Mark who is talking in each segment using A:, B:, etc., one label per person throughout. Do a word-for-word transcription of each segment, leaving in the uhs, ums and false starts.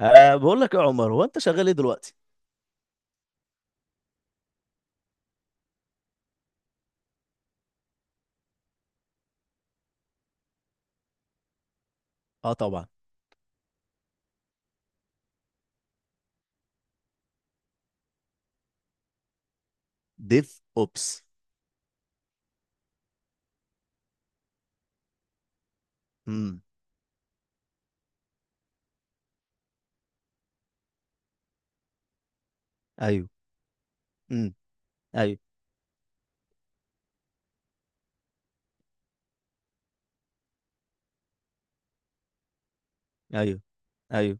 A: أه، بقول لك يا عمر، هو انت شغال ايه دلوقتي؟ اه طبعا. ديف اوبس. امم. ايوه. امم. ايوه. ايوه. ايوه.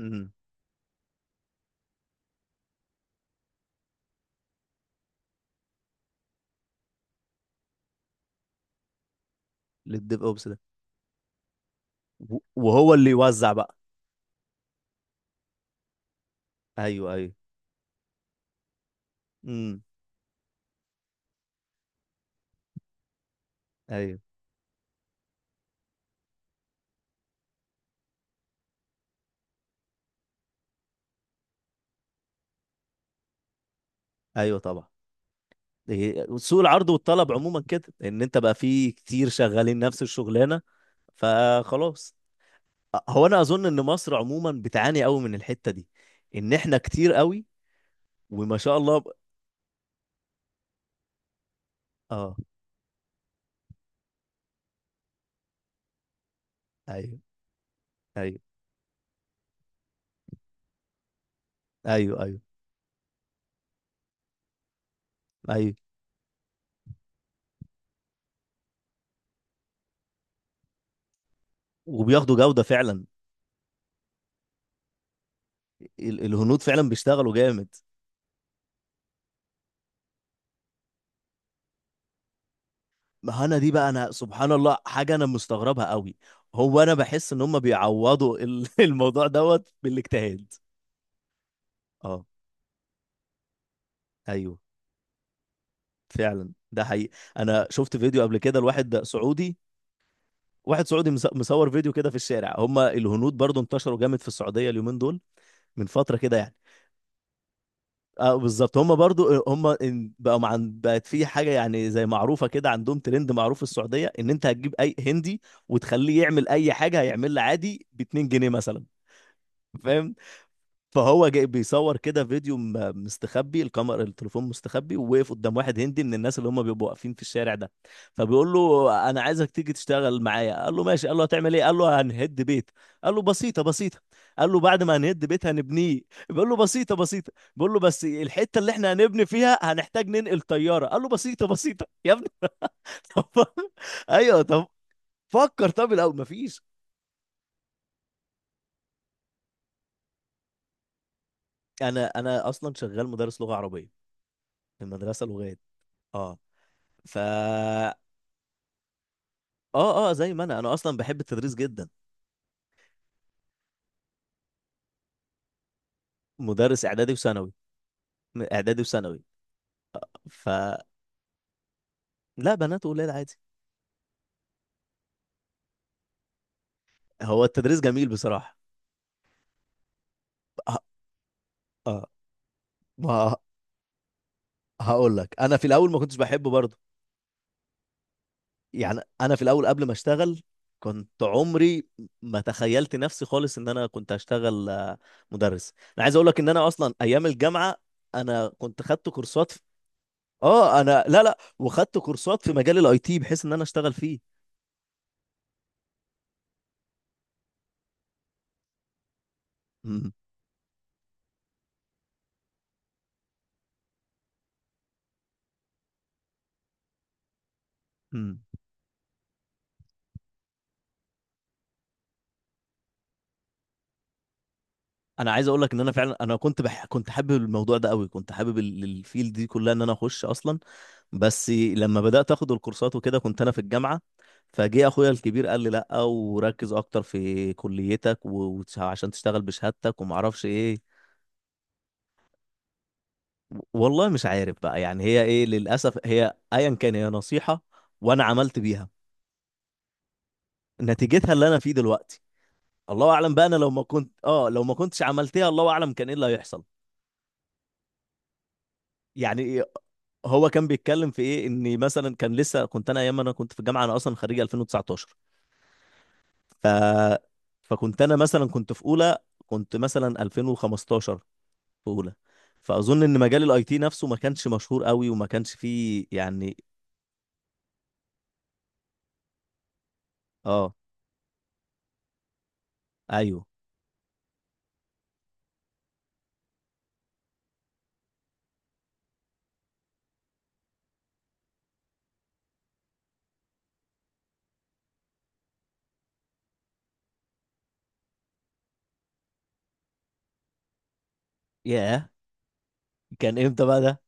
A: امم. للديف اوبس ده. و- وهو اللي يوزع بقى. ايوه ايوه. امم. ايوه. ايوه طبعا. إيه، سوق العرض والطلب عموما كده، ان انت بقى في كتير شغالين نفس الشغلانه. فخلاص. أه، هو انا اظن ان مصر عموما بتعاني قوي من الحته دي. ان احنا كتير قوي وما شاء الله ب... اه. ايوه ايوه. ايوه ايوه. ايوه. وبياخدوا جودة فعلا. ال- الهنود فعلا بيشتغلوا جامد. ما انا دي بقى، انا سبحان الله حاجة انا مستغربها قوي. هو انا بحس ان هم بيعوضوا ال- الموضوع دوت بالاجتهاد. اه. ايوه. فعلا ده حقيقي، انا شفت فيديو قبل كده لواحد سعودي. واحد سعودي مص- مصور فيديو كده في الشارع، هم الهنود برضو انتشروا جامد في السعودية اليومين دول من فترة كده يعني. اه بالظبط، هم برضو هم إن- بقوا مع بقت في حاجه يعني زي معروفه كده، عندهم ترند معروف في السعوديه، ان انت هتجيب اي هندي وتخليه يعمل اي حاجه هيعملها عادي ب اتنين جنيه مثلا، فاهم؟ فهو جاي بيصور كده فيديو م- مستخبي الكاميرا، التليفون مستخبي، ووقف قدام واحد هندي من الناس اللي هم بيبقوا واقفين في الشارع ده. فبيقول له: انا عايزك تيجي تشتغل معايا. قال له: ماشي. قال له: هتعمل ايه؟ قال له: هنهد بيت. قال له: بسيطه بسيطه. قال له: بعد ما هنهد بيت هنبنيه. بيقول له: بسيطه بسيطه. بيقول له: بس الحته اللي احنا هنبني فيها هنحتاج ننقل طياره. قال له: بسيطه بسيطه يا ابني. طب ايوه. طب فكر. طب الاول مفيش. انا انا اصلا شغال مدرس لغه عربيه في المدرسه لغات. اه. ف اه اه، زي ما انا انا اصلا بحب التدريس جدا. مدرس اعدادي وثانوي. م- اعدادي وثانوي. ف لا، بنات وولاد عادي. هو التدريس جميل بصراحه. اه. آه، ما هقول لك، انا في الاول ما كنتش بحبه برضه. يعني انا في الاول قبل ما اشتغل كنت عمري ما تخيلت نفسي خالص ان انا كنت هشتغل آه، مدرس. انا عايز اقول لك ان انا اصلا ايام الجامعه انا كنت خدت كورسات في... اه، انا لا لا وخدت كورسات في مجال الاي تي بحيث ان انا اشتغل فيه. انا عايز اقول لك ان انا فعلا، انا كنت بح... كنت حابب الموضوع ده قوي، كنت حابب ال- الفيلد دي كلها ان انا اخش اصلا. بس لما بدات اخد الكورسات وكده كنت انا في الجامعه، فجه اخويا الكبير قال لي: لا وركز اكتر في كليتك و... وتش- عشان تشتغل بشهادتك وما اعرفش ايه. والله مش عارف بقى يعني هي ايه، للاسف هي ايا كان هي نصيحه وانا عملت بيها، نتيجتها اللي انا فيه دلوقتي. الله اعلم بقى، انا لو ما كنت اه لو ما كنتش عملتها الله اعلم كان ايه اللي هيحصل. يعني إيه- هو كان بيتكلم في ايه؟ ان مثلا كان لسه، كنت انا ايام ما انا كنت في الجامعه، انا اصلا خريج ألفين وتسعتاشر. ف فكنت انا مثلا كنت في اولى، كنت مثلا ألفين وخمستاشر في اولى. فاظن ان مجال الاي تي نفسه ما كانش مشهور قوي وما كانش فيه يعني. اه. ايوه. ياه، كان امتى بقى ده؟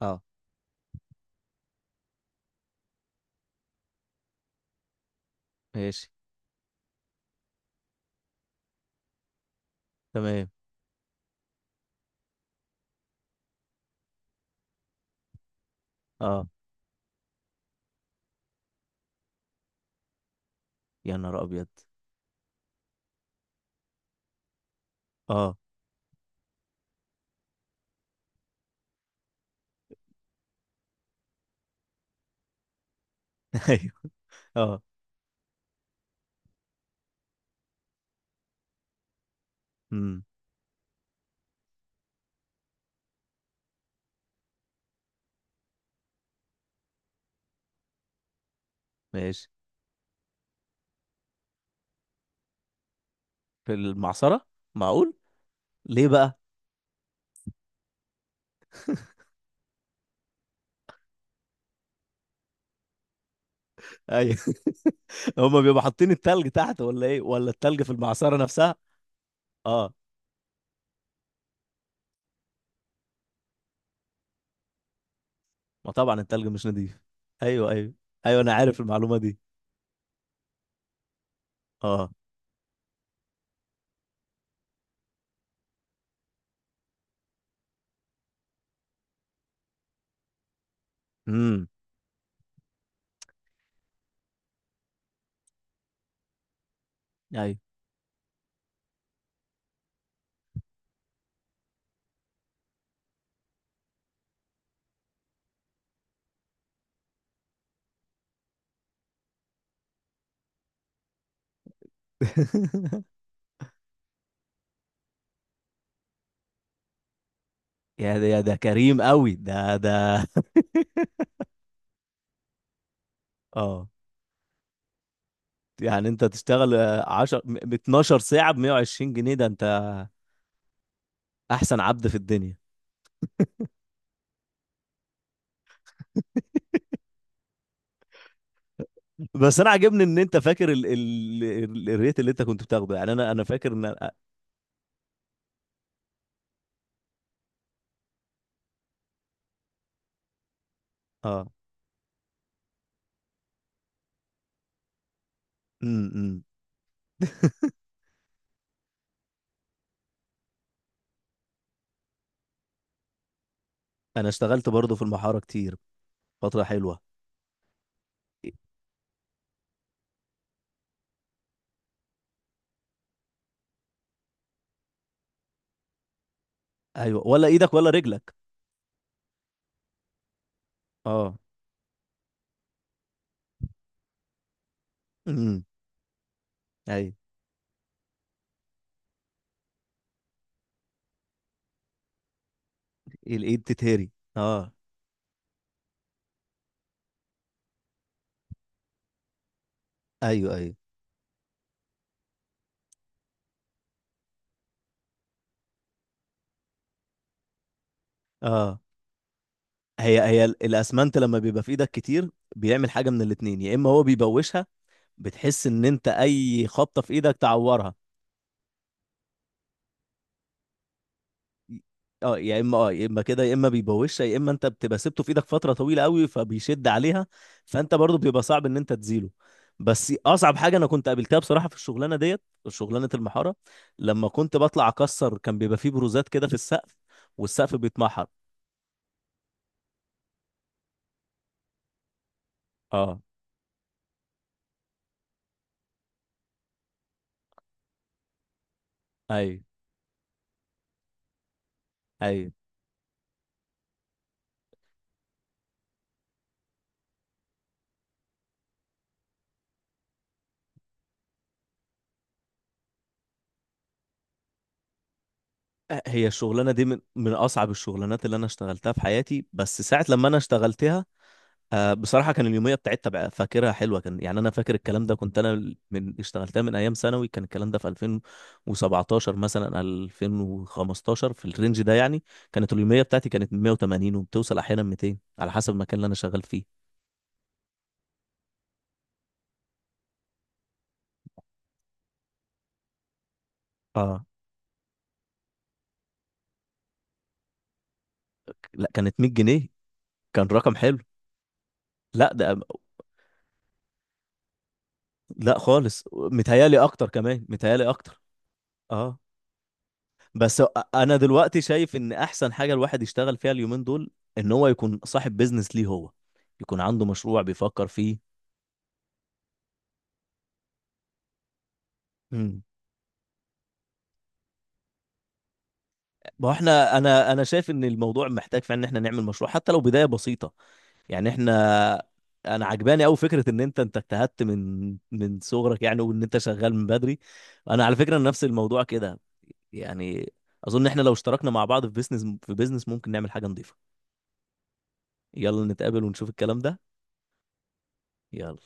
A: اه. ماشي. تمام. اه. يا نهار ابيض. اه. ايوه. اه. امم. ماشي. في المعصره؟ معقول؟ ليه بقى؟ ايوه، هما بيبقوا حاطين التلج تحت ولا ايه، ولا التلج في المعصرة نفسها؟ اه. ما طبعا التلج مش نضيف. ايوه ايوه. ايوه انا عارف المعلومة دي. اه. امم. ايوه. يا ده يا ده، كريم قوي ده ده. اه. يعني انت تشتغل عشرة ب اتناشر ساعة ب مية وعشرين جنيه، ده انت احسن عبد في الدنيا. بس انا عاجبني ان انت فاكر ال... ال... ال- الريت اللي انت كنت بتاخده، يعني انا انا فاكر ان اه. امم. أمم. انا اشتغلت برضه في المحاره كتير، فترة حلوة. ايوه، ولا ايدك ولا رجلك. اه. امم. ايوه. الايد تتهري. اه. ايوه ايوه. اه. هي هي ال- الاسمنت لما بيبقى في ايدك كتير بيعمل حاجة من الاتنين: يا اما هو بيبوشها، بتحس ان انت اي خبطة في ايدك تعورها. اه، يا اما اه يا اما كده، يا اما بيبوشها، يا اما انت بتبقى سبته في ايدك فتره طويله قوي فبيشد عليها، فانت برضو بيبقى صعب ان انت تزيله. بس اصعب حاجه انا كنت قابلتها بصراحه في الشغلانه ديت، شغلانه المحاره، لما كنت بطلع اكسر كان بيبقى فيه بروزات كده في السقف، والسقف بيتمحر. اه. ايوه ايوه. هي الشغلانه دي من من اصعب الشغلانات اللي انا اشتغلتها في حياتي، بس ساعه لما انا اشتغلتها آه بصراحة كان اليومية بتاعتها بقى، فاكرها حلوة، كان يعني أنا فاكر الكلام ده، كنت أنا من اشتغلتها من أيام ثانوي، كان الكلام ده في ألفين وسبعتاشر مثلا ألفين وخمستاشر في الرينج ده يعني. كانت اليومية بتاعتي كانت مية وتمانين وبتوصل أحيانا ميتين على حسب المكان اللي أنا شغال فيه. آه. لا كانت مية جنيه، كان رقم حلو. لا ده لا خالص، متهيألي أكتر، كمان متهيألي أكتر. آه. بس انا دلوقتي شايف ان احسن حاجه الواحد يشتغل فيها اليومين دول ان هو يكون صاحب بيزنس ليه هو، يكون عنده مشروع بيفكر فيه. امم. ما هو احنا، انا انا شايف ان الموضوع محتاج فعلا ان احنا نعمل مشروع حتى لو بدايه بسيطه. يعني احنا، انا عجباني قوي فكره ان انت انت اجتهدت من من صغرك يعني، وان انت شغال من بدري. انا على فكره نفس الموضوع كده يعني. اظن احنا لو اشتركنا مع بعض في بيزنس، في بيزنس ممكن نعمل حاجه نظيفه. يلا نتقابل ونشوف الكلام ده. يلا.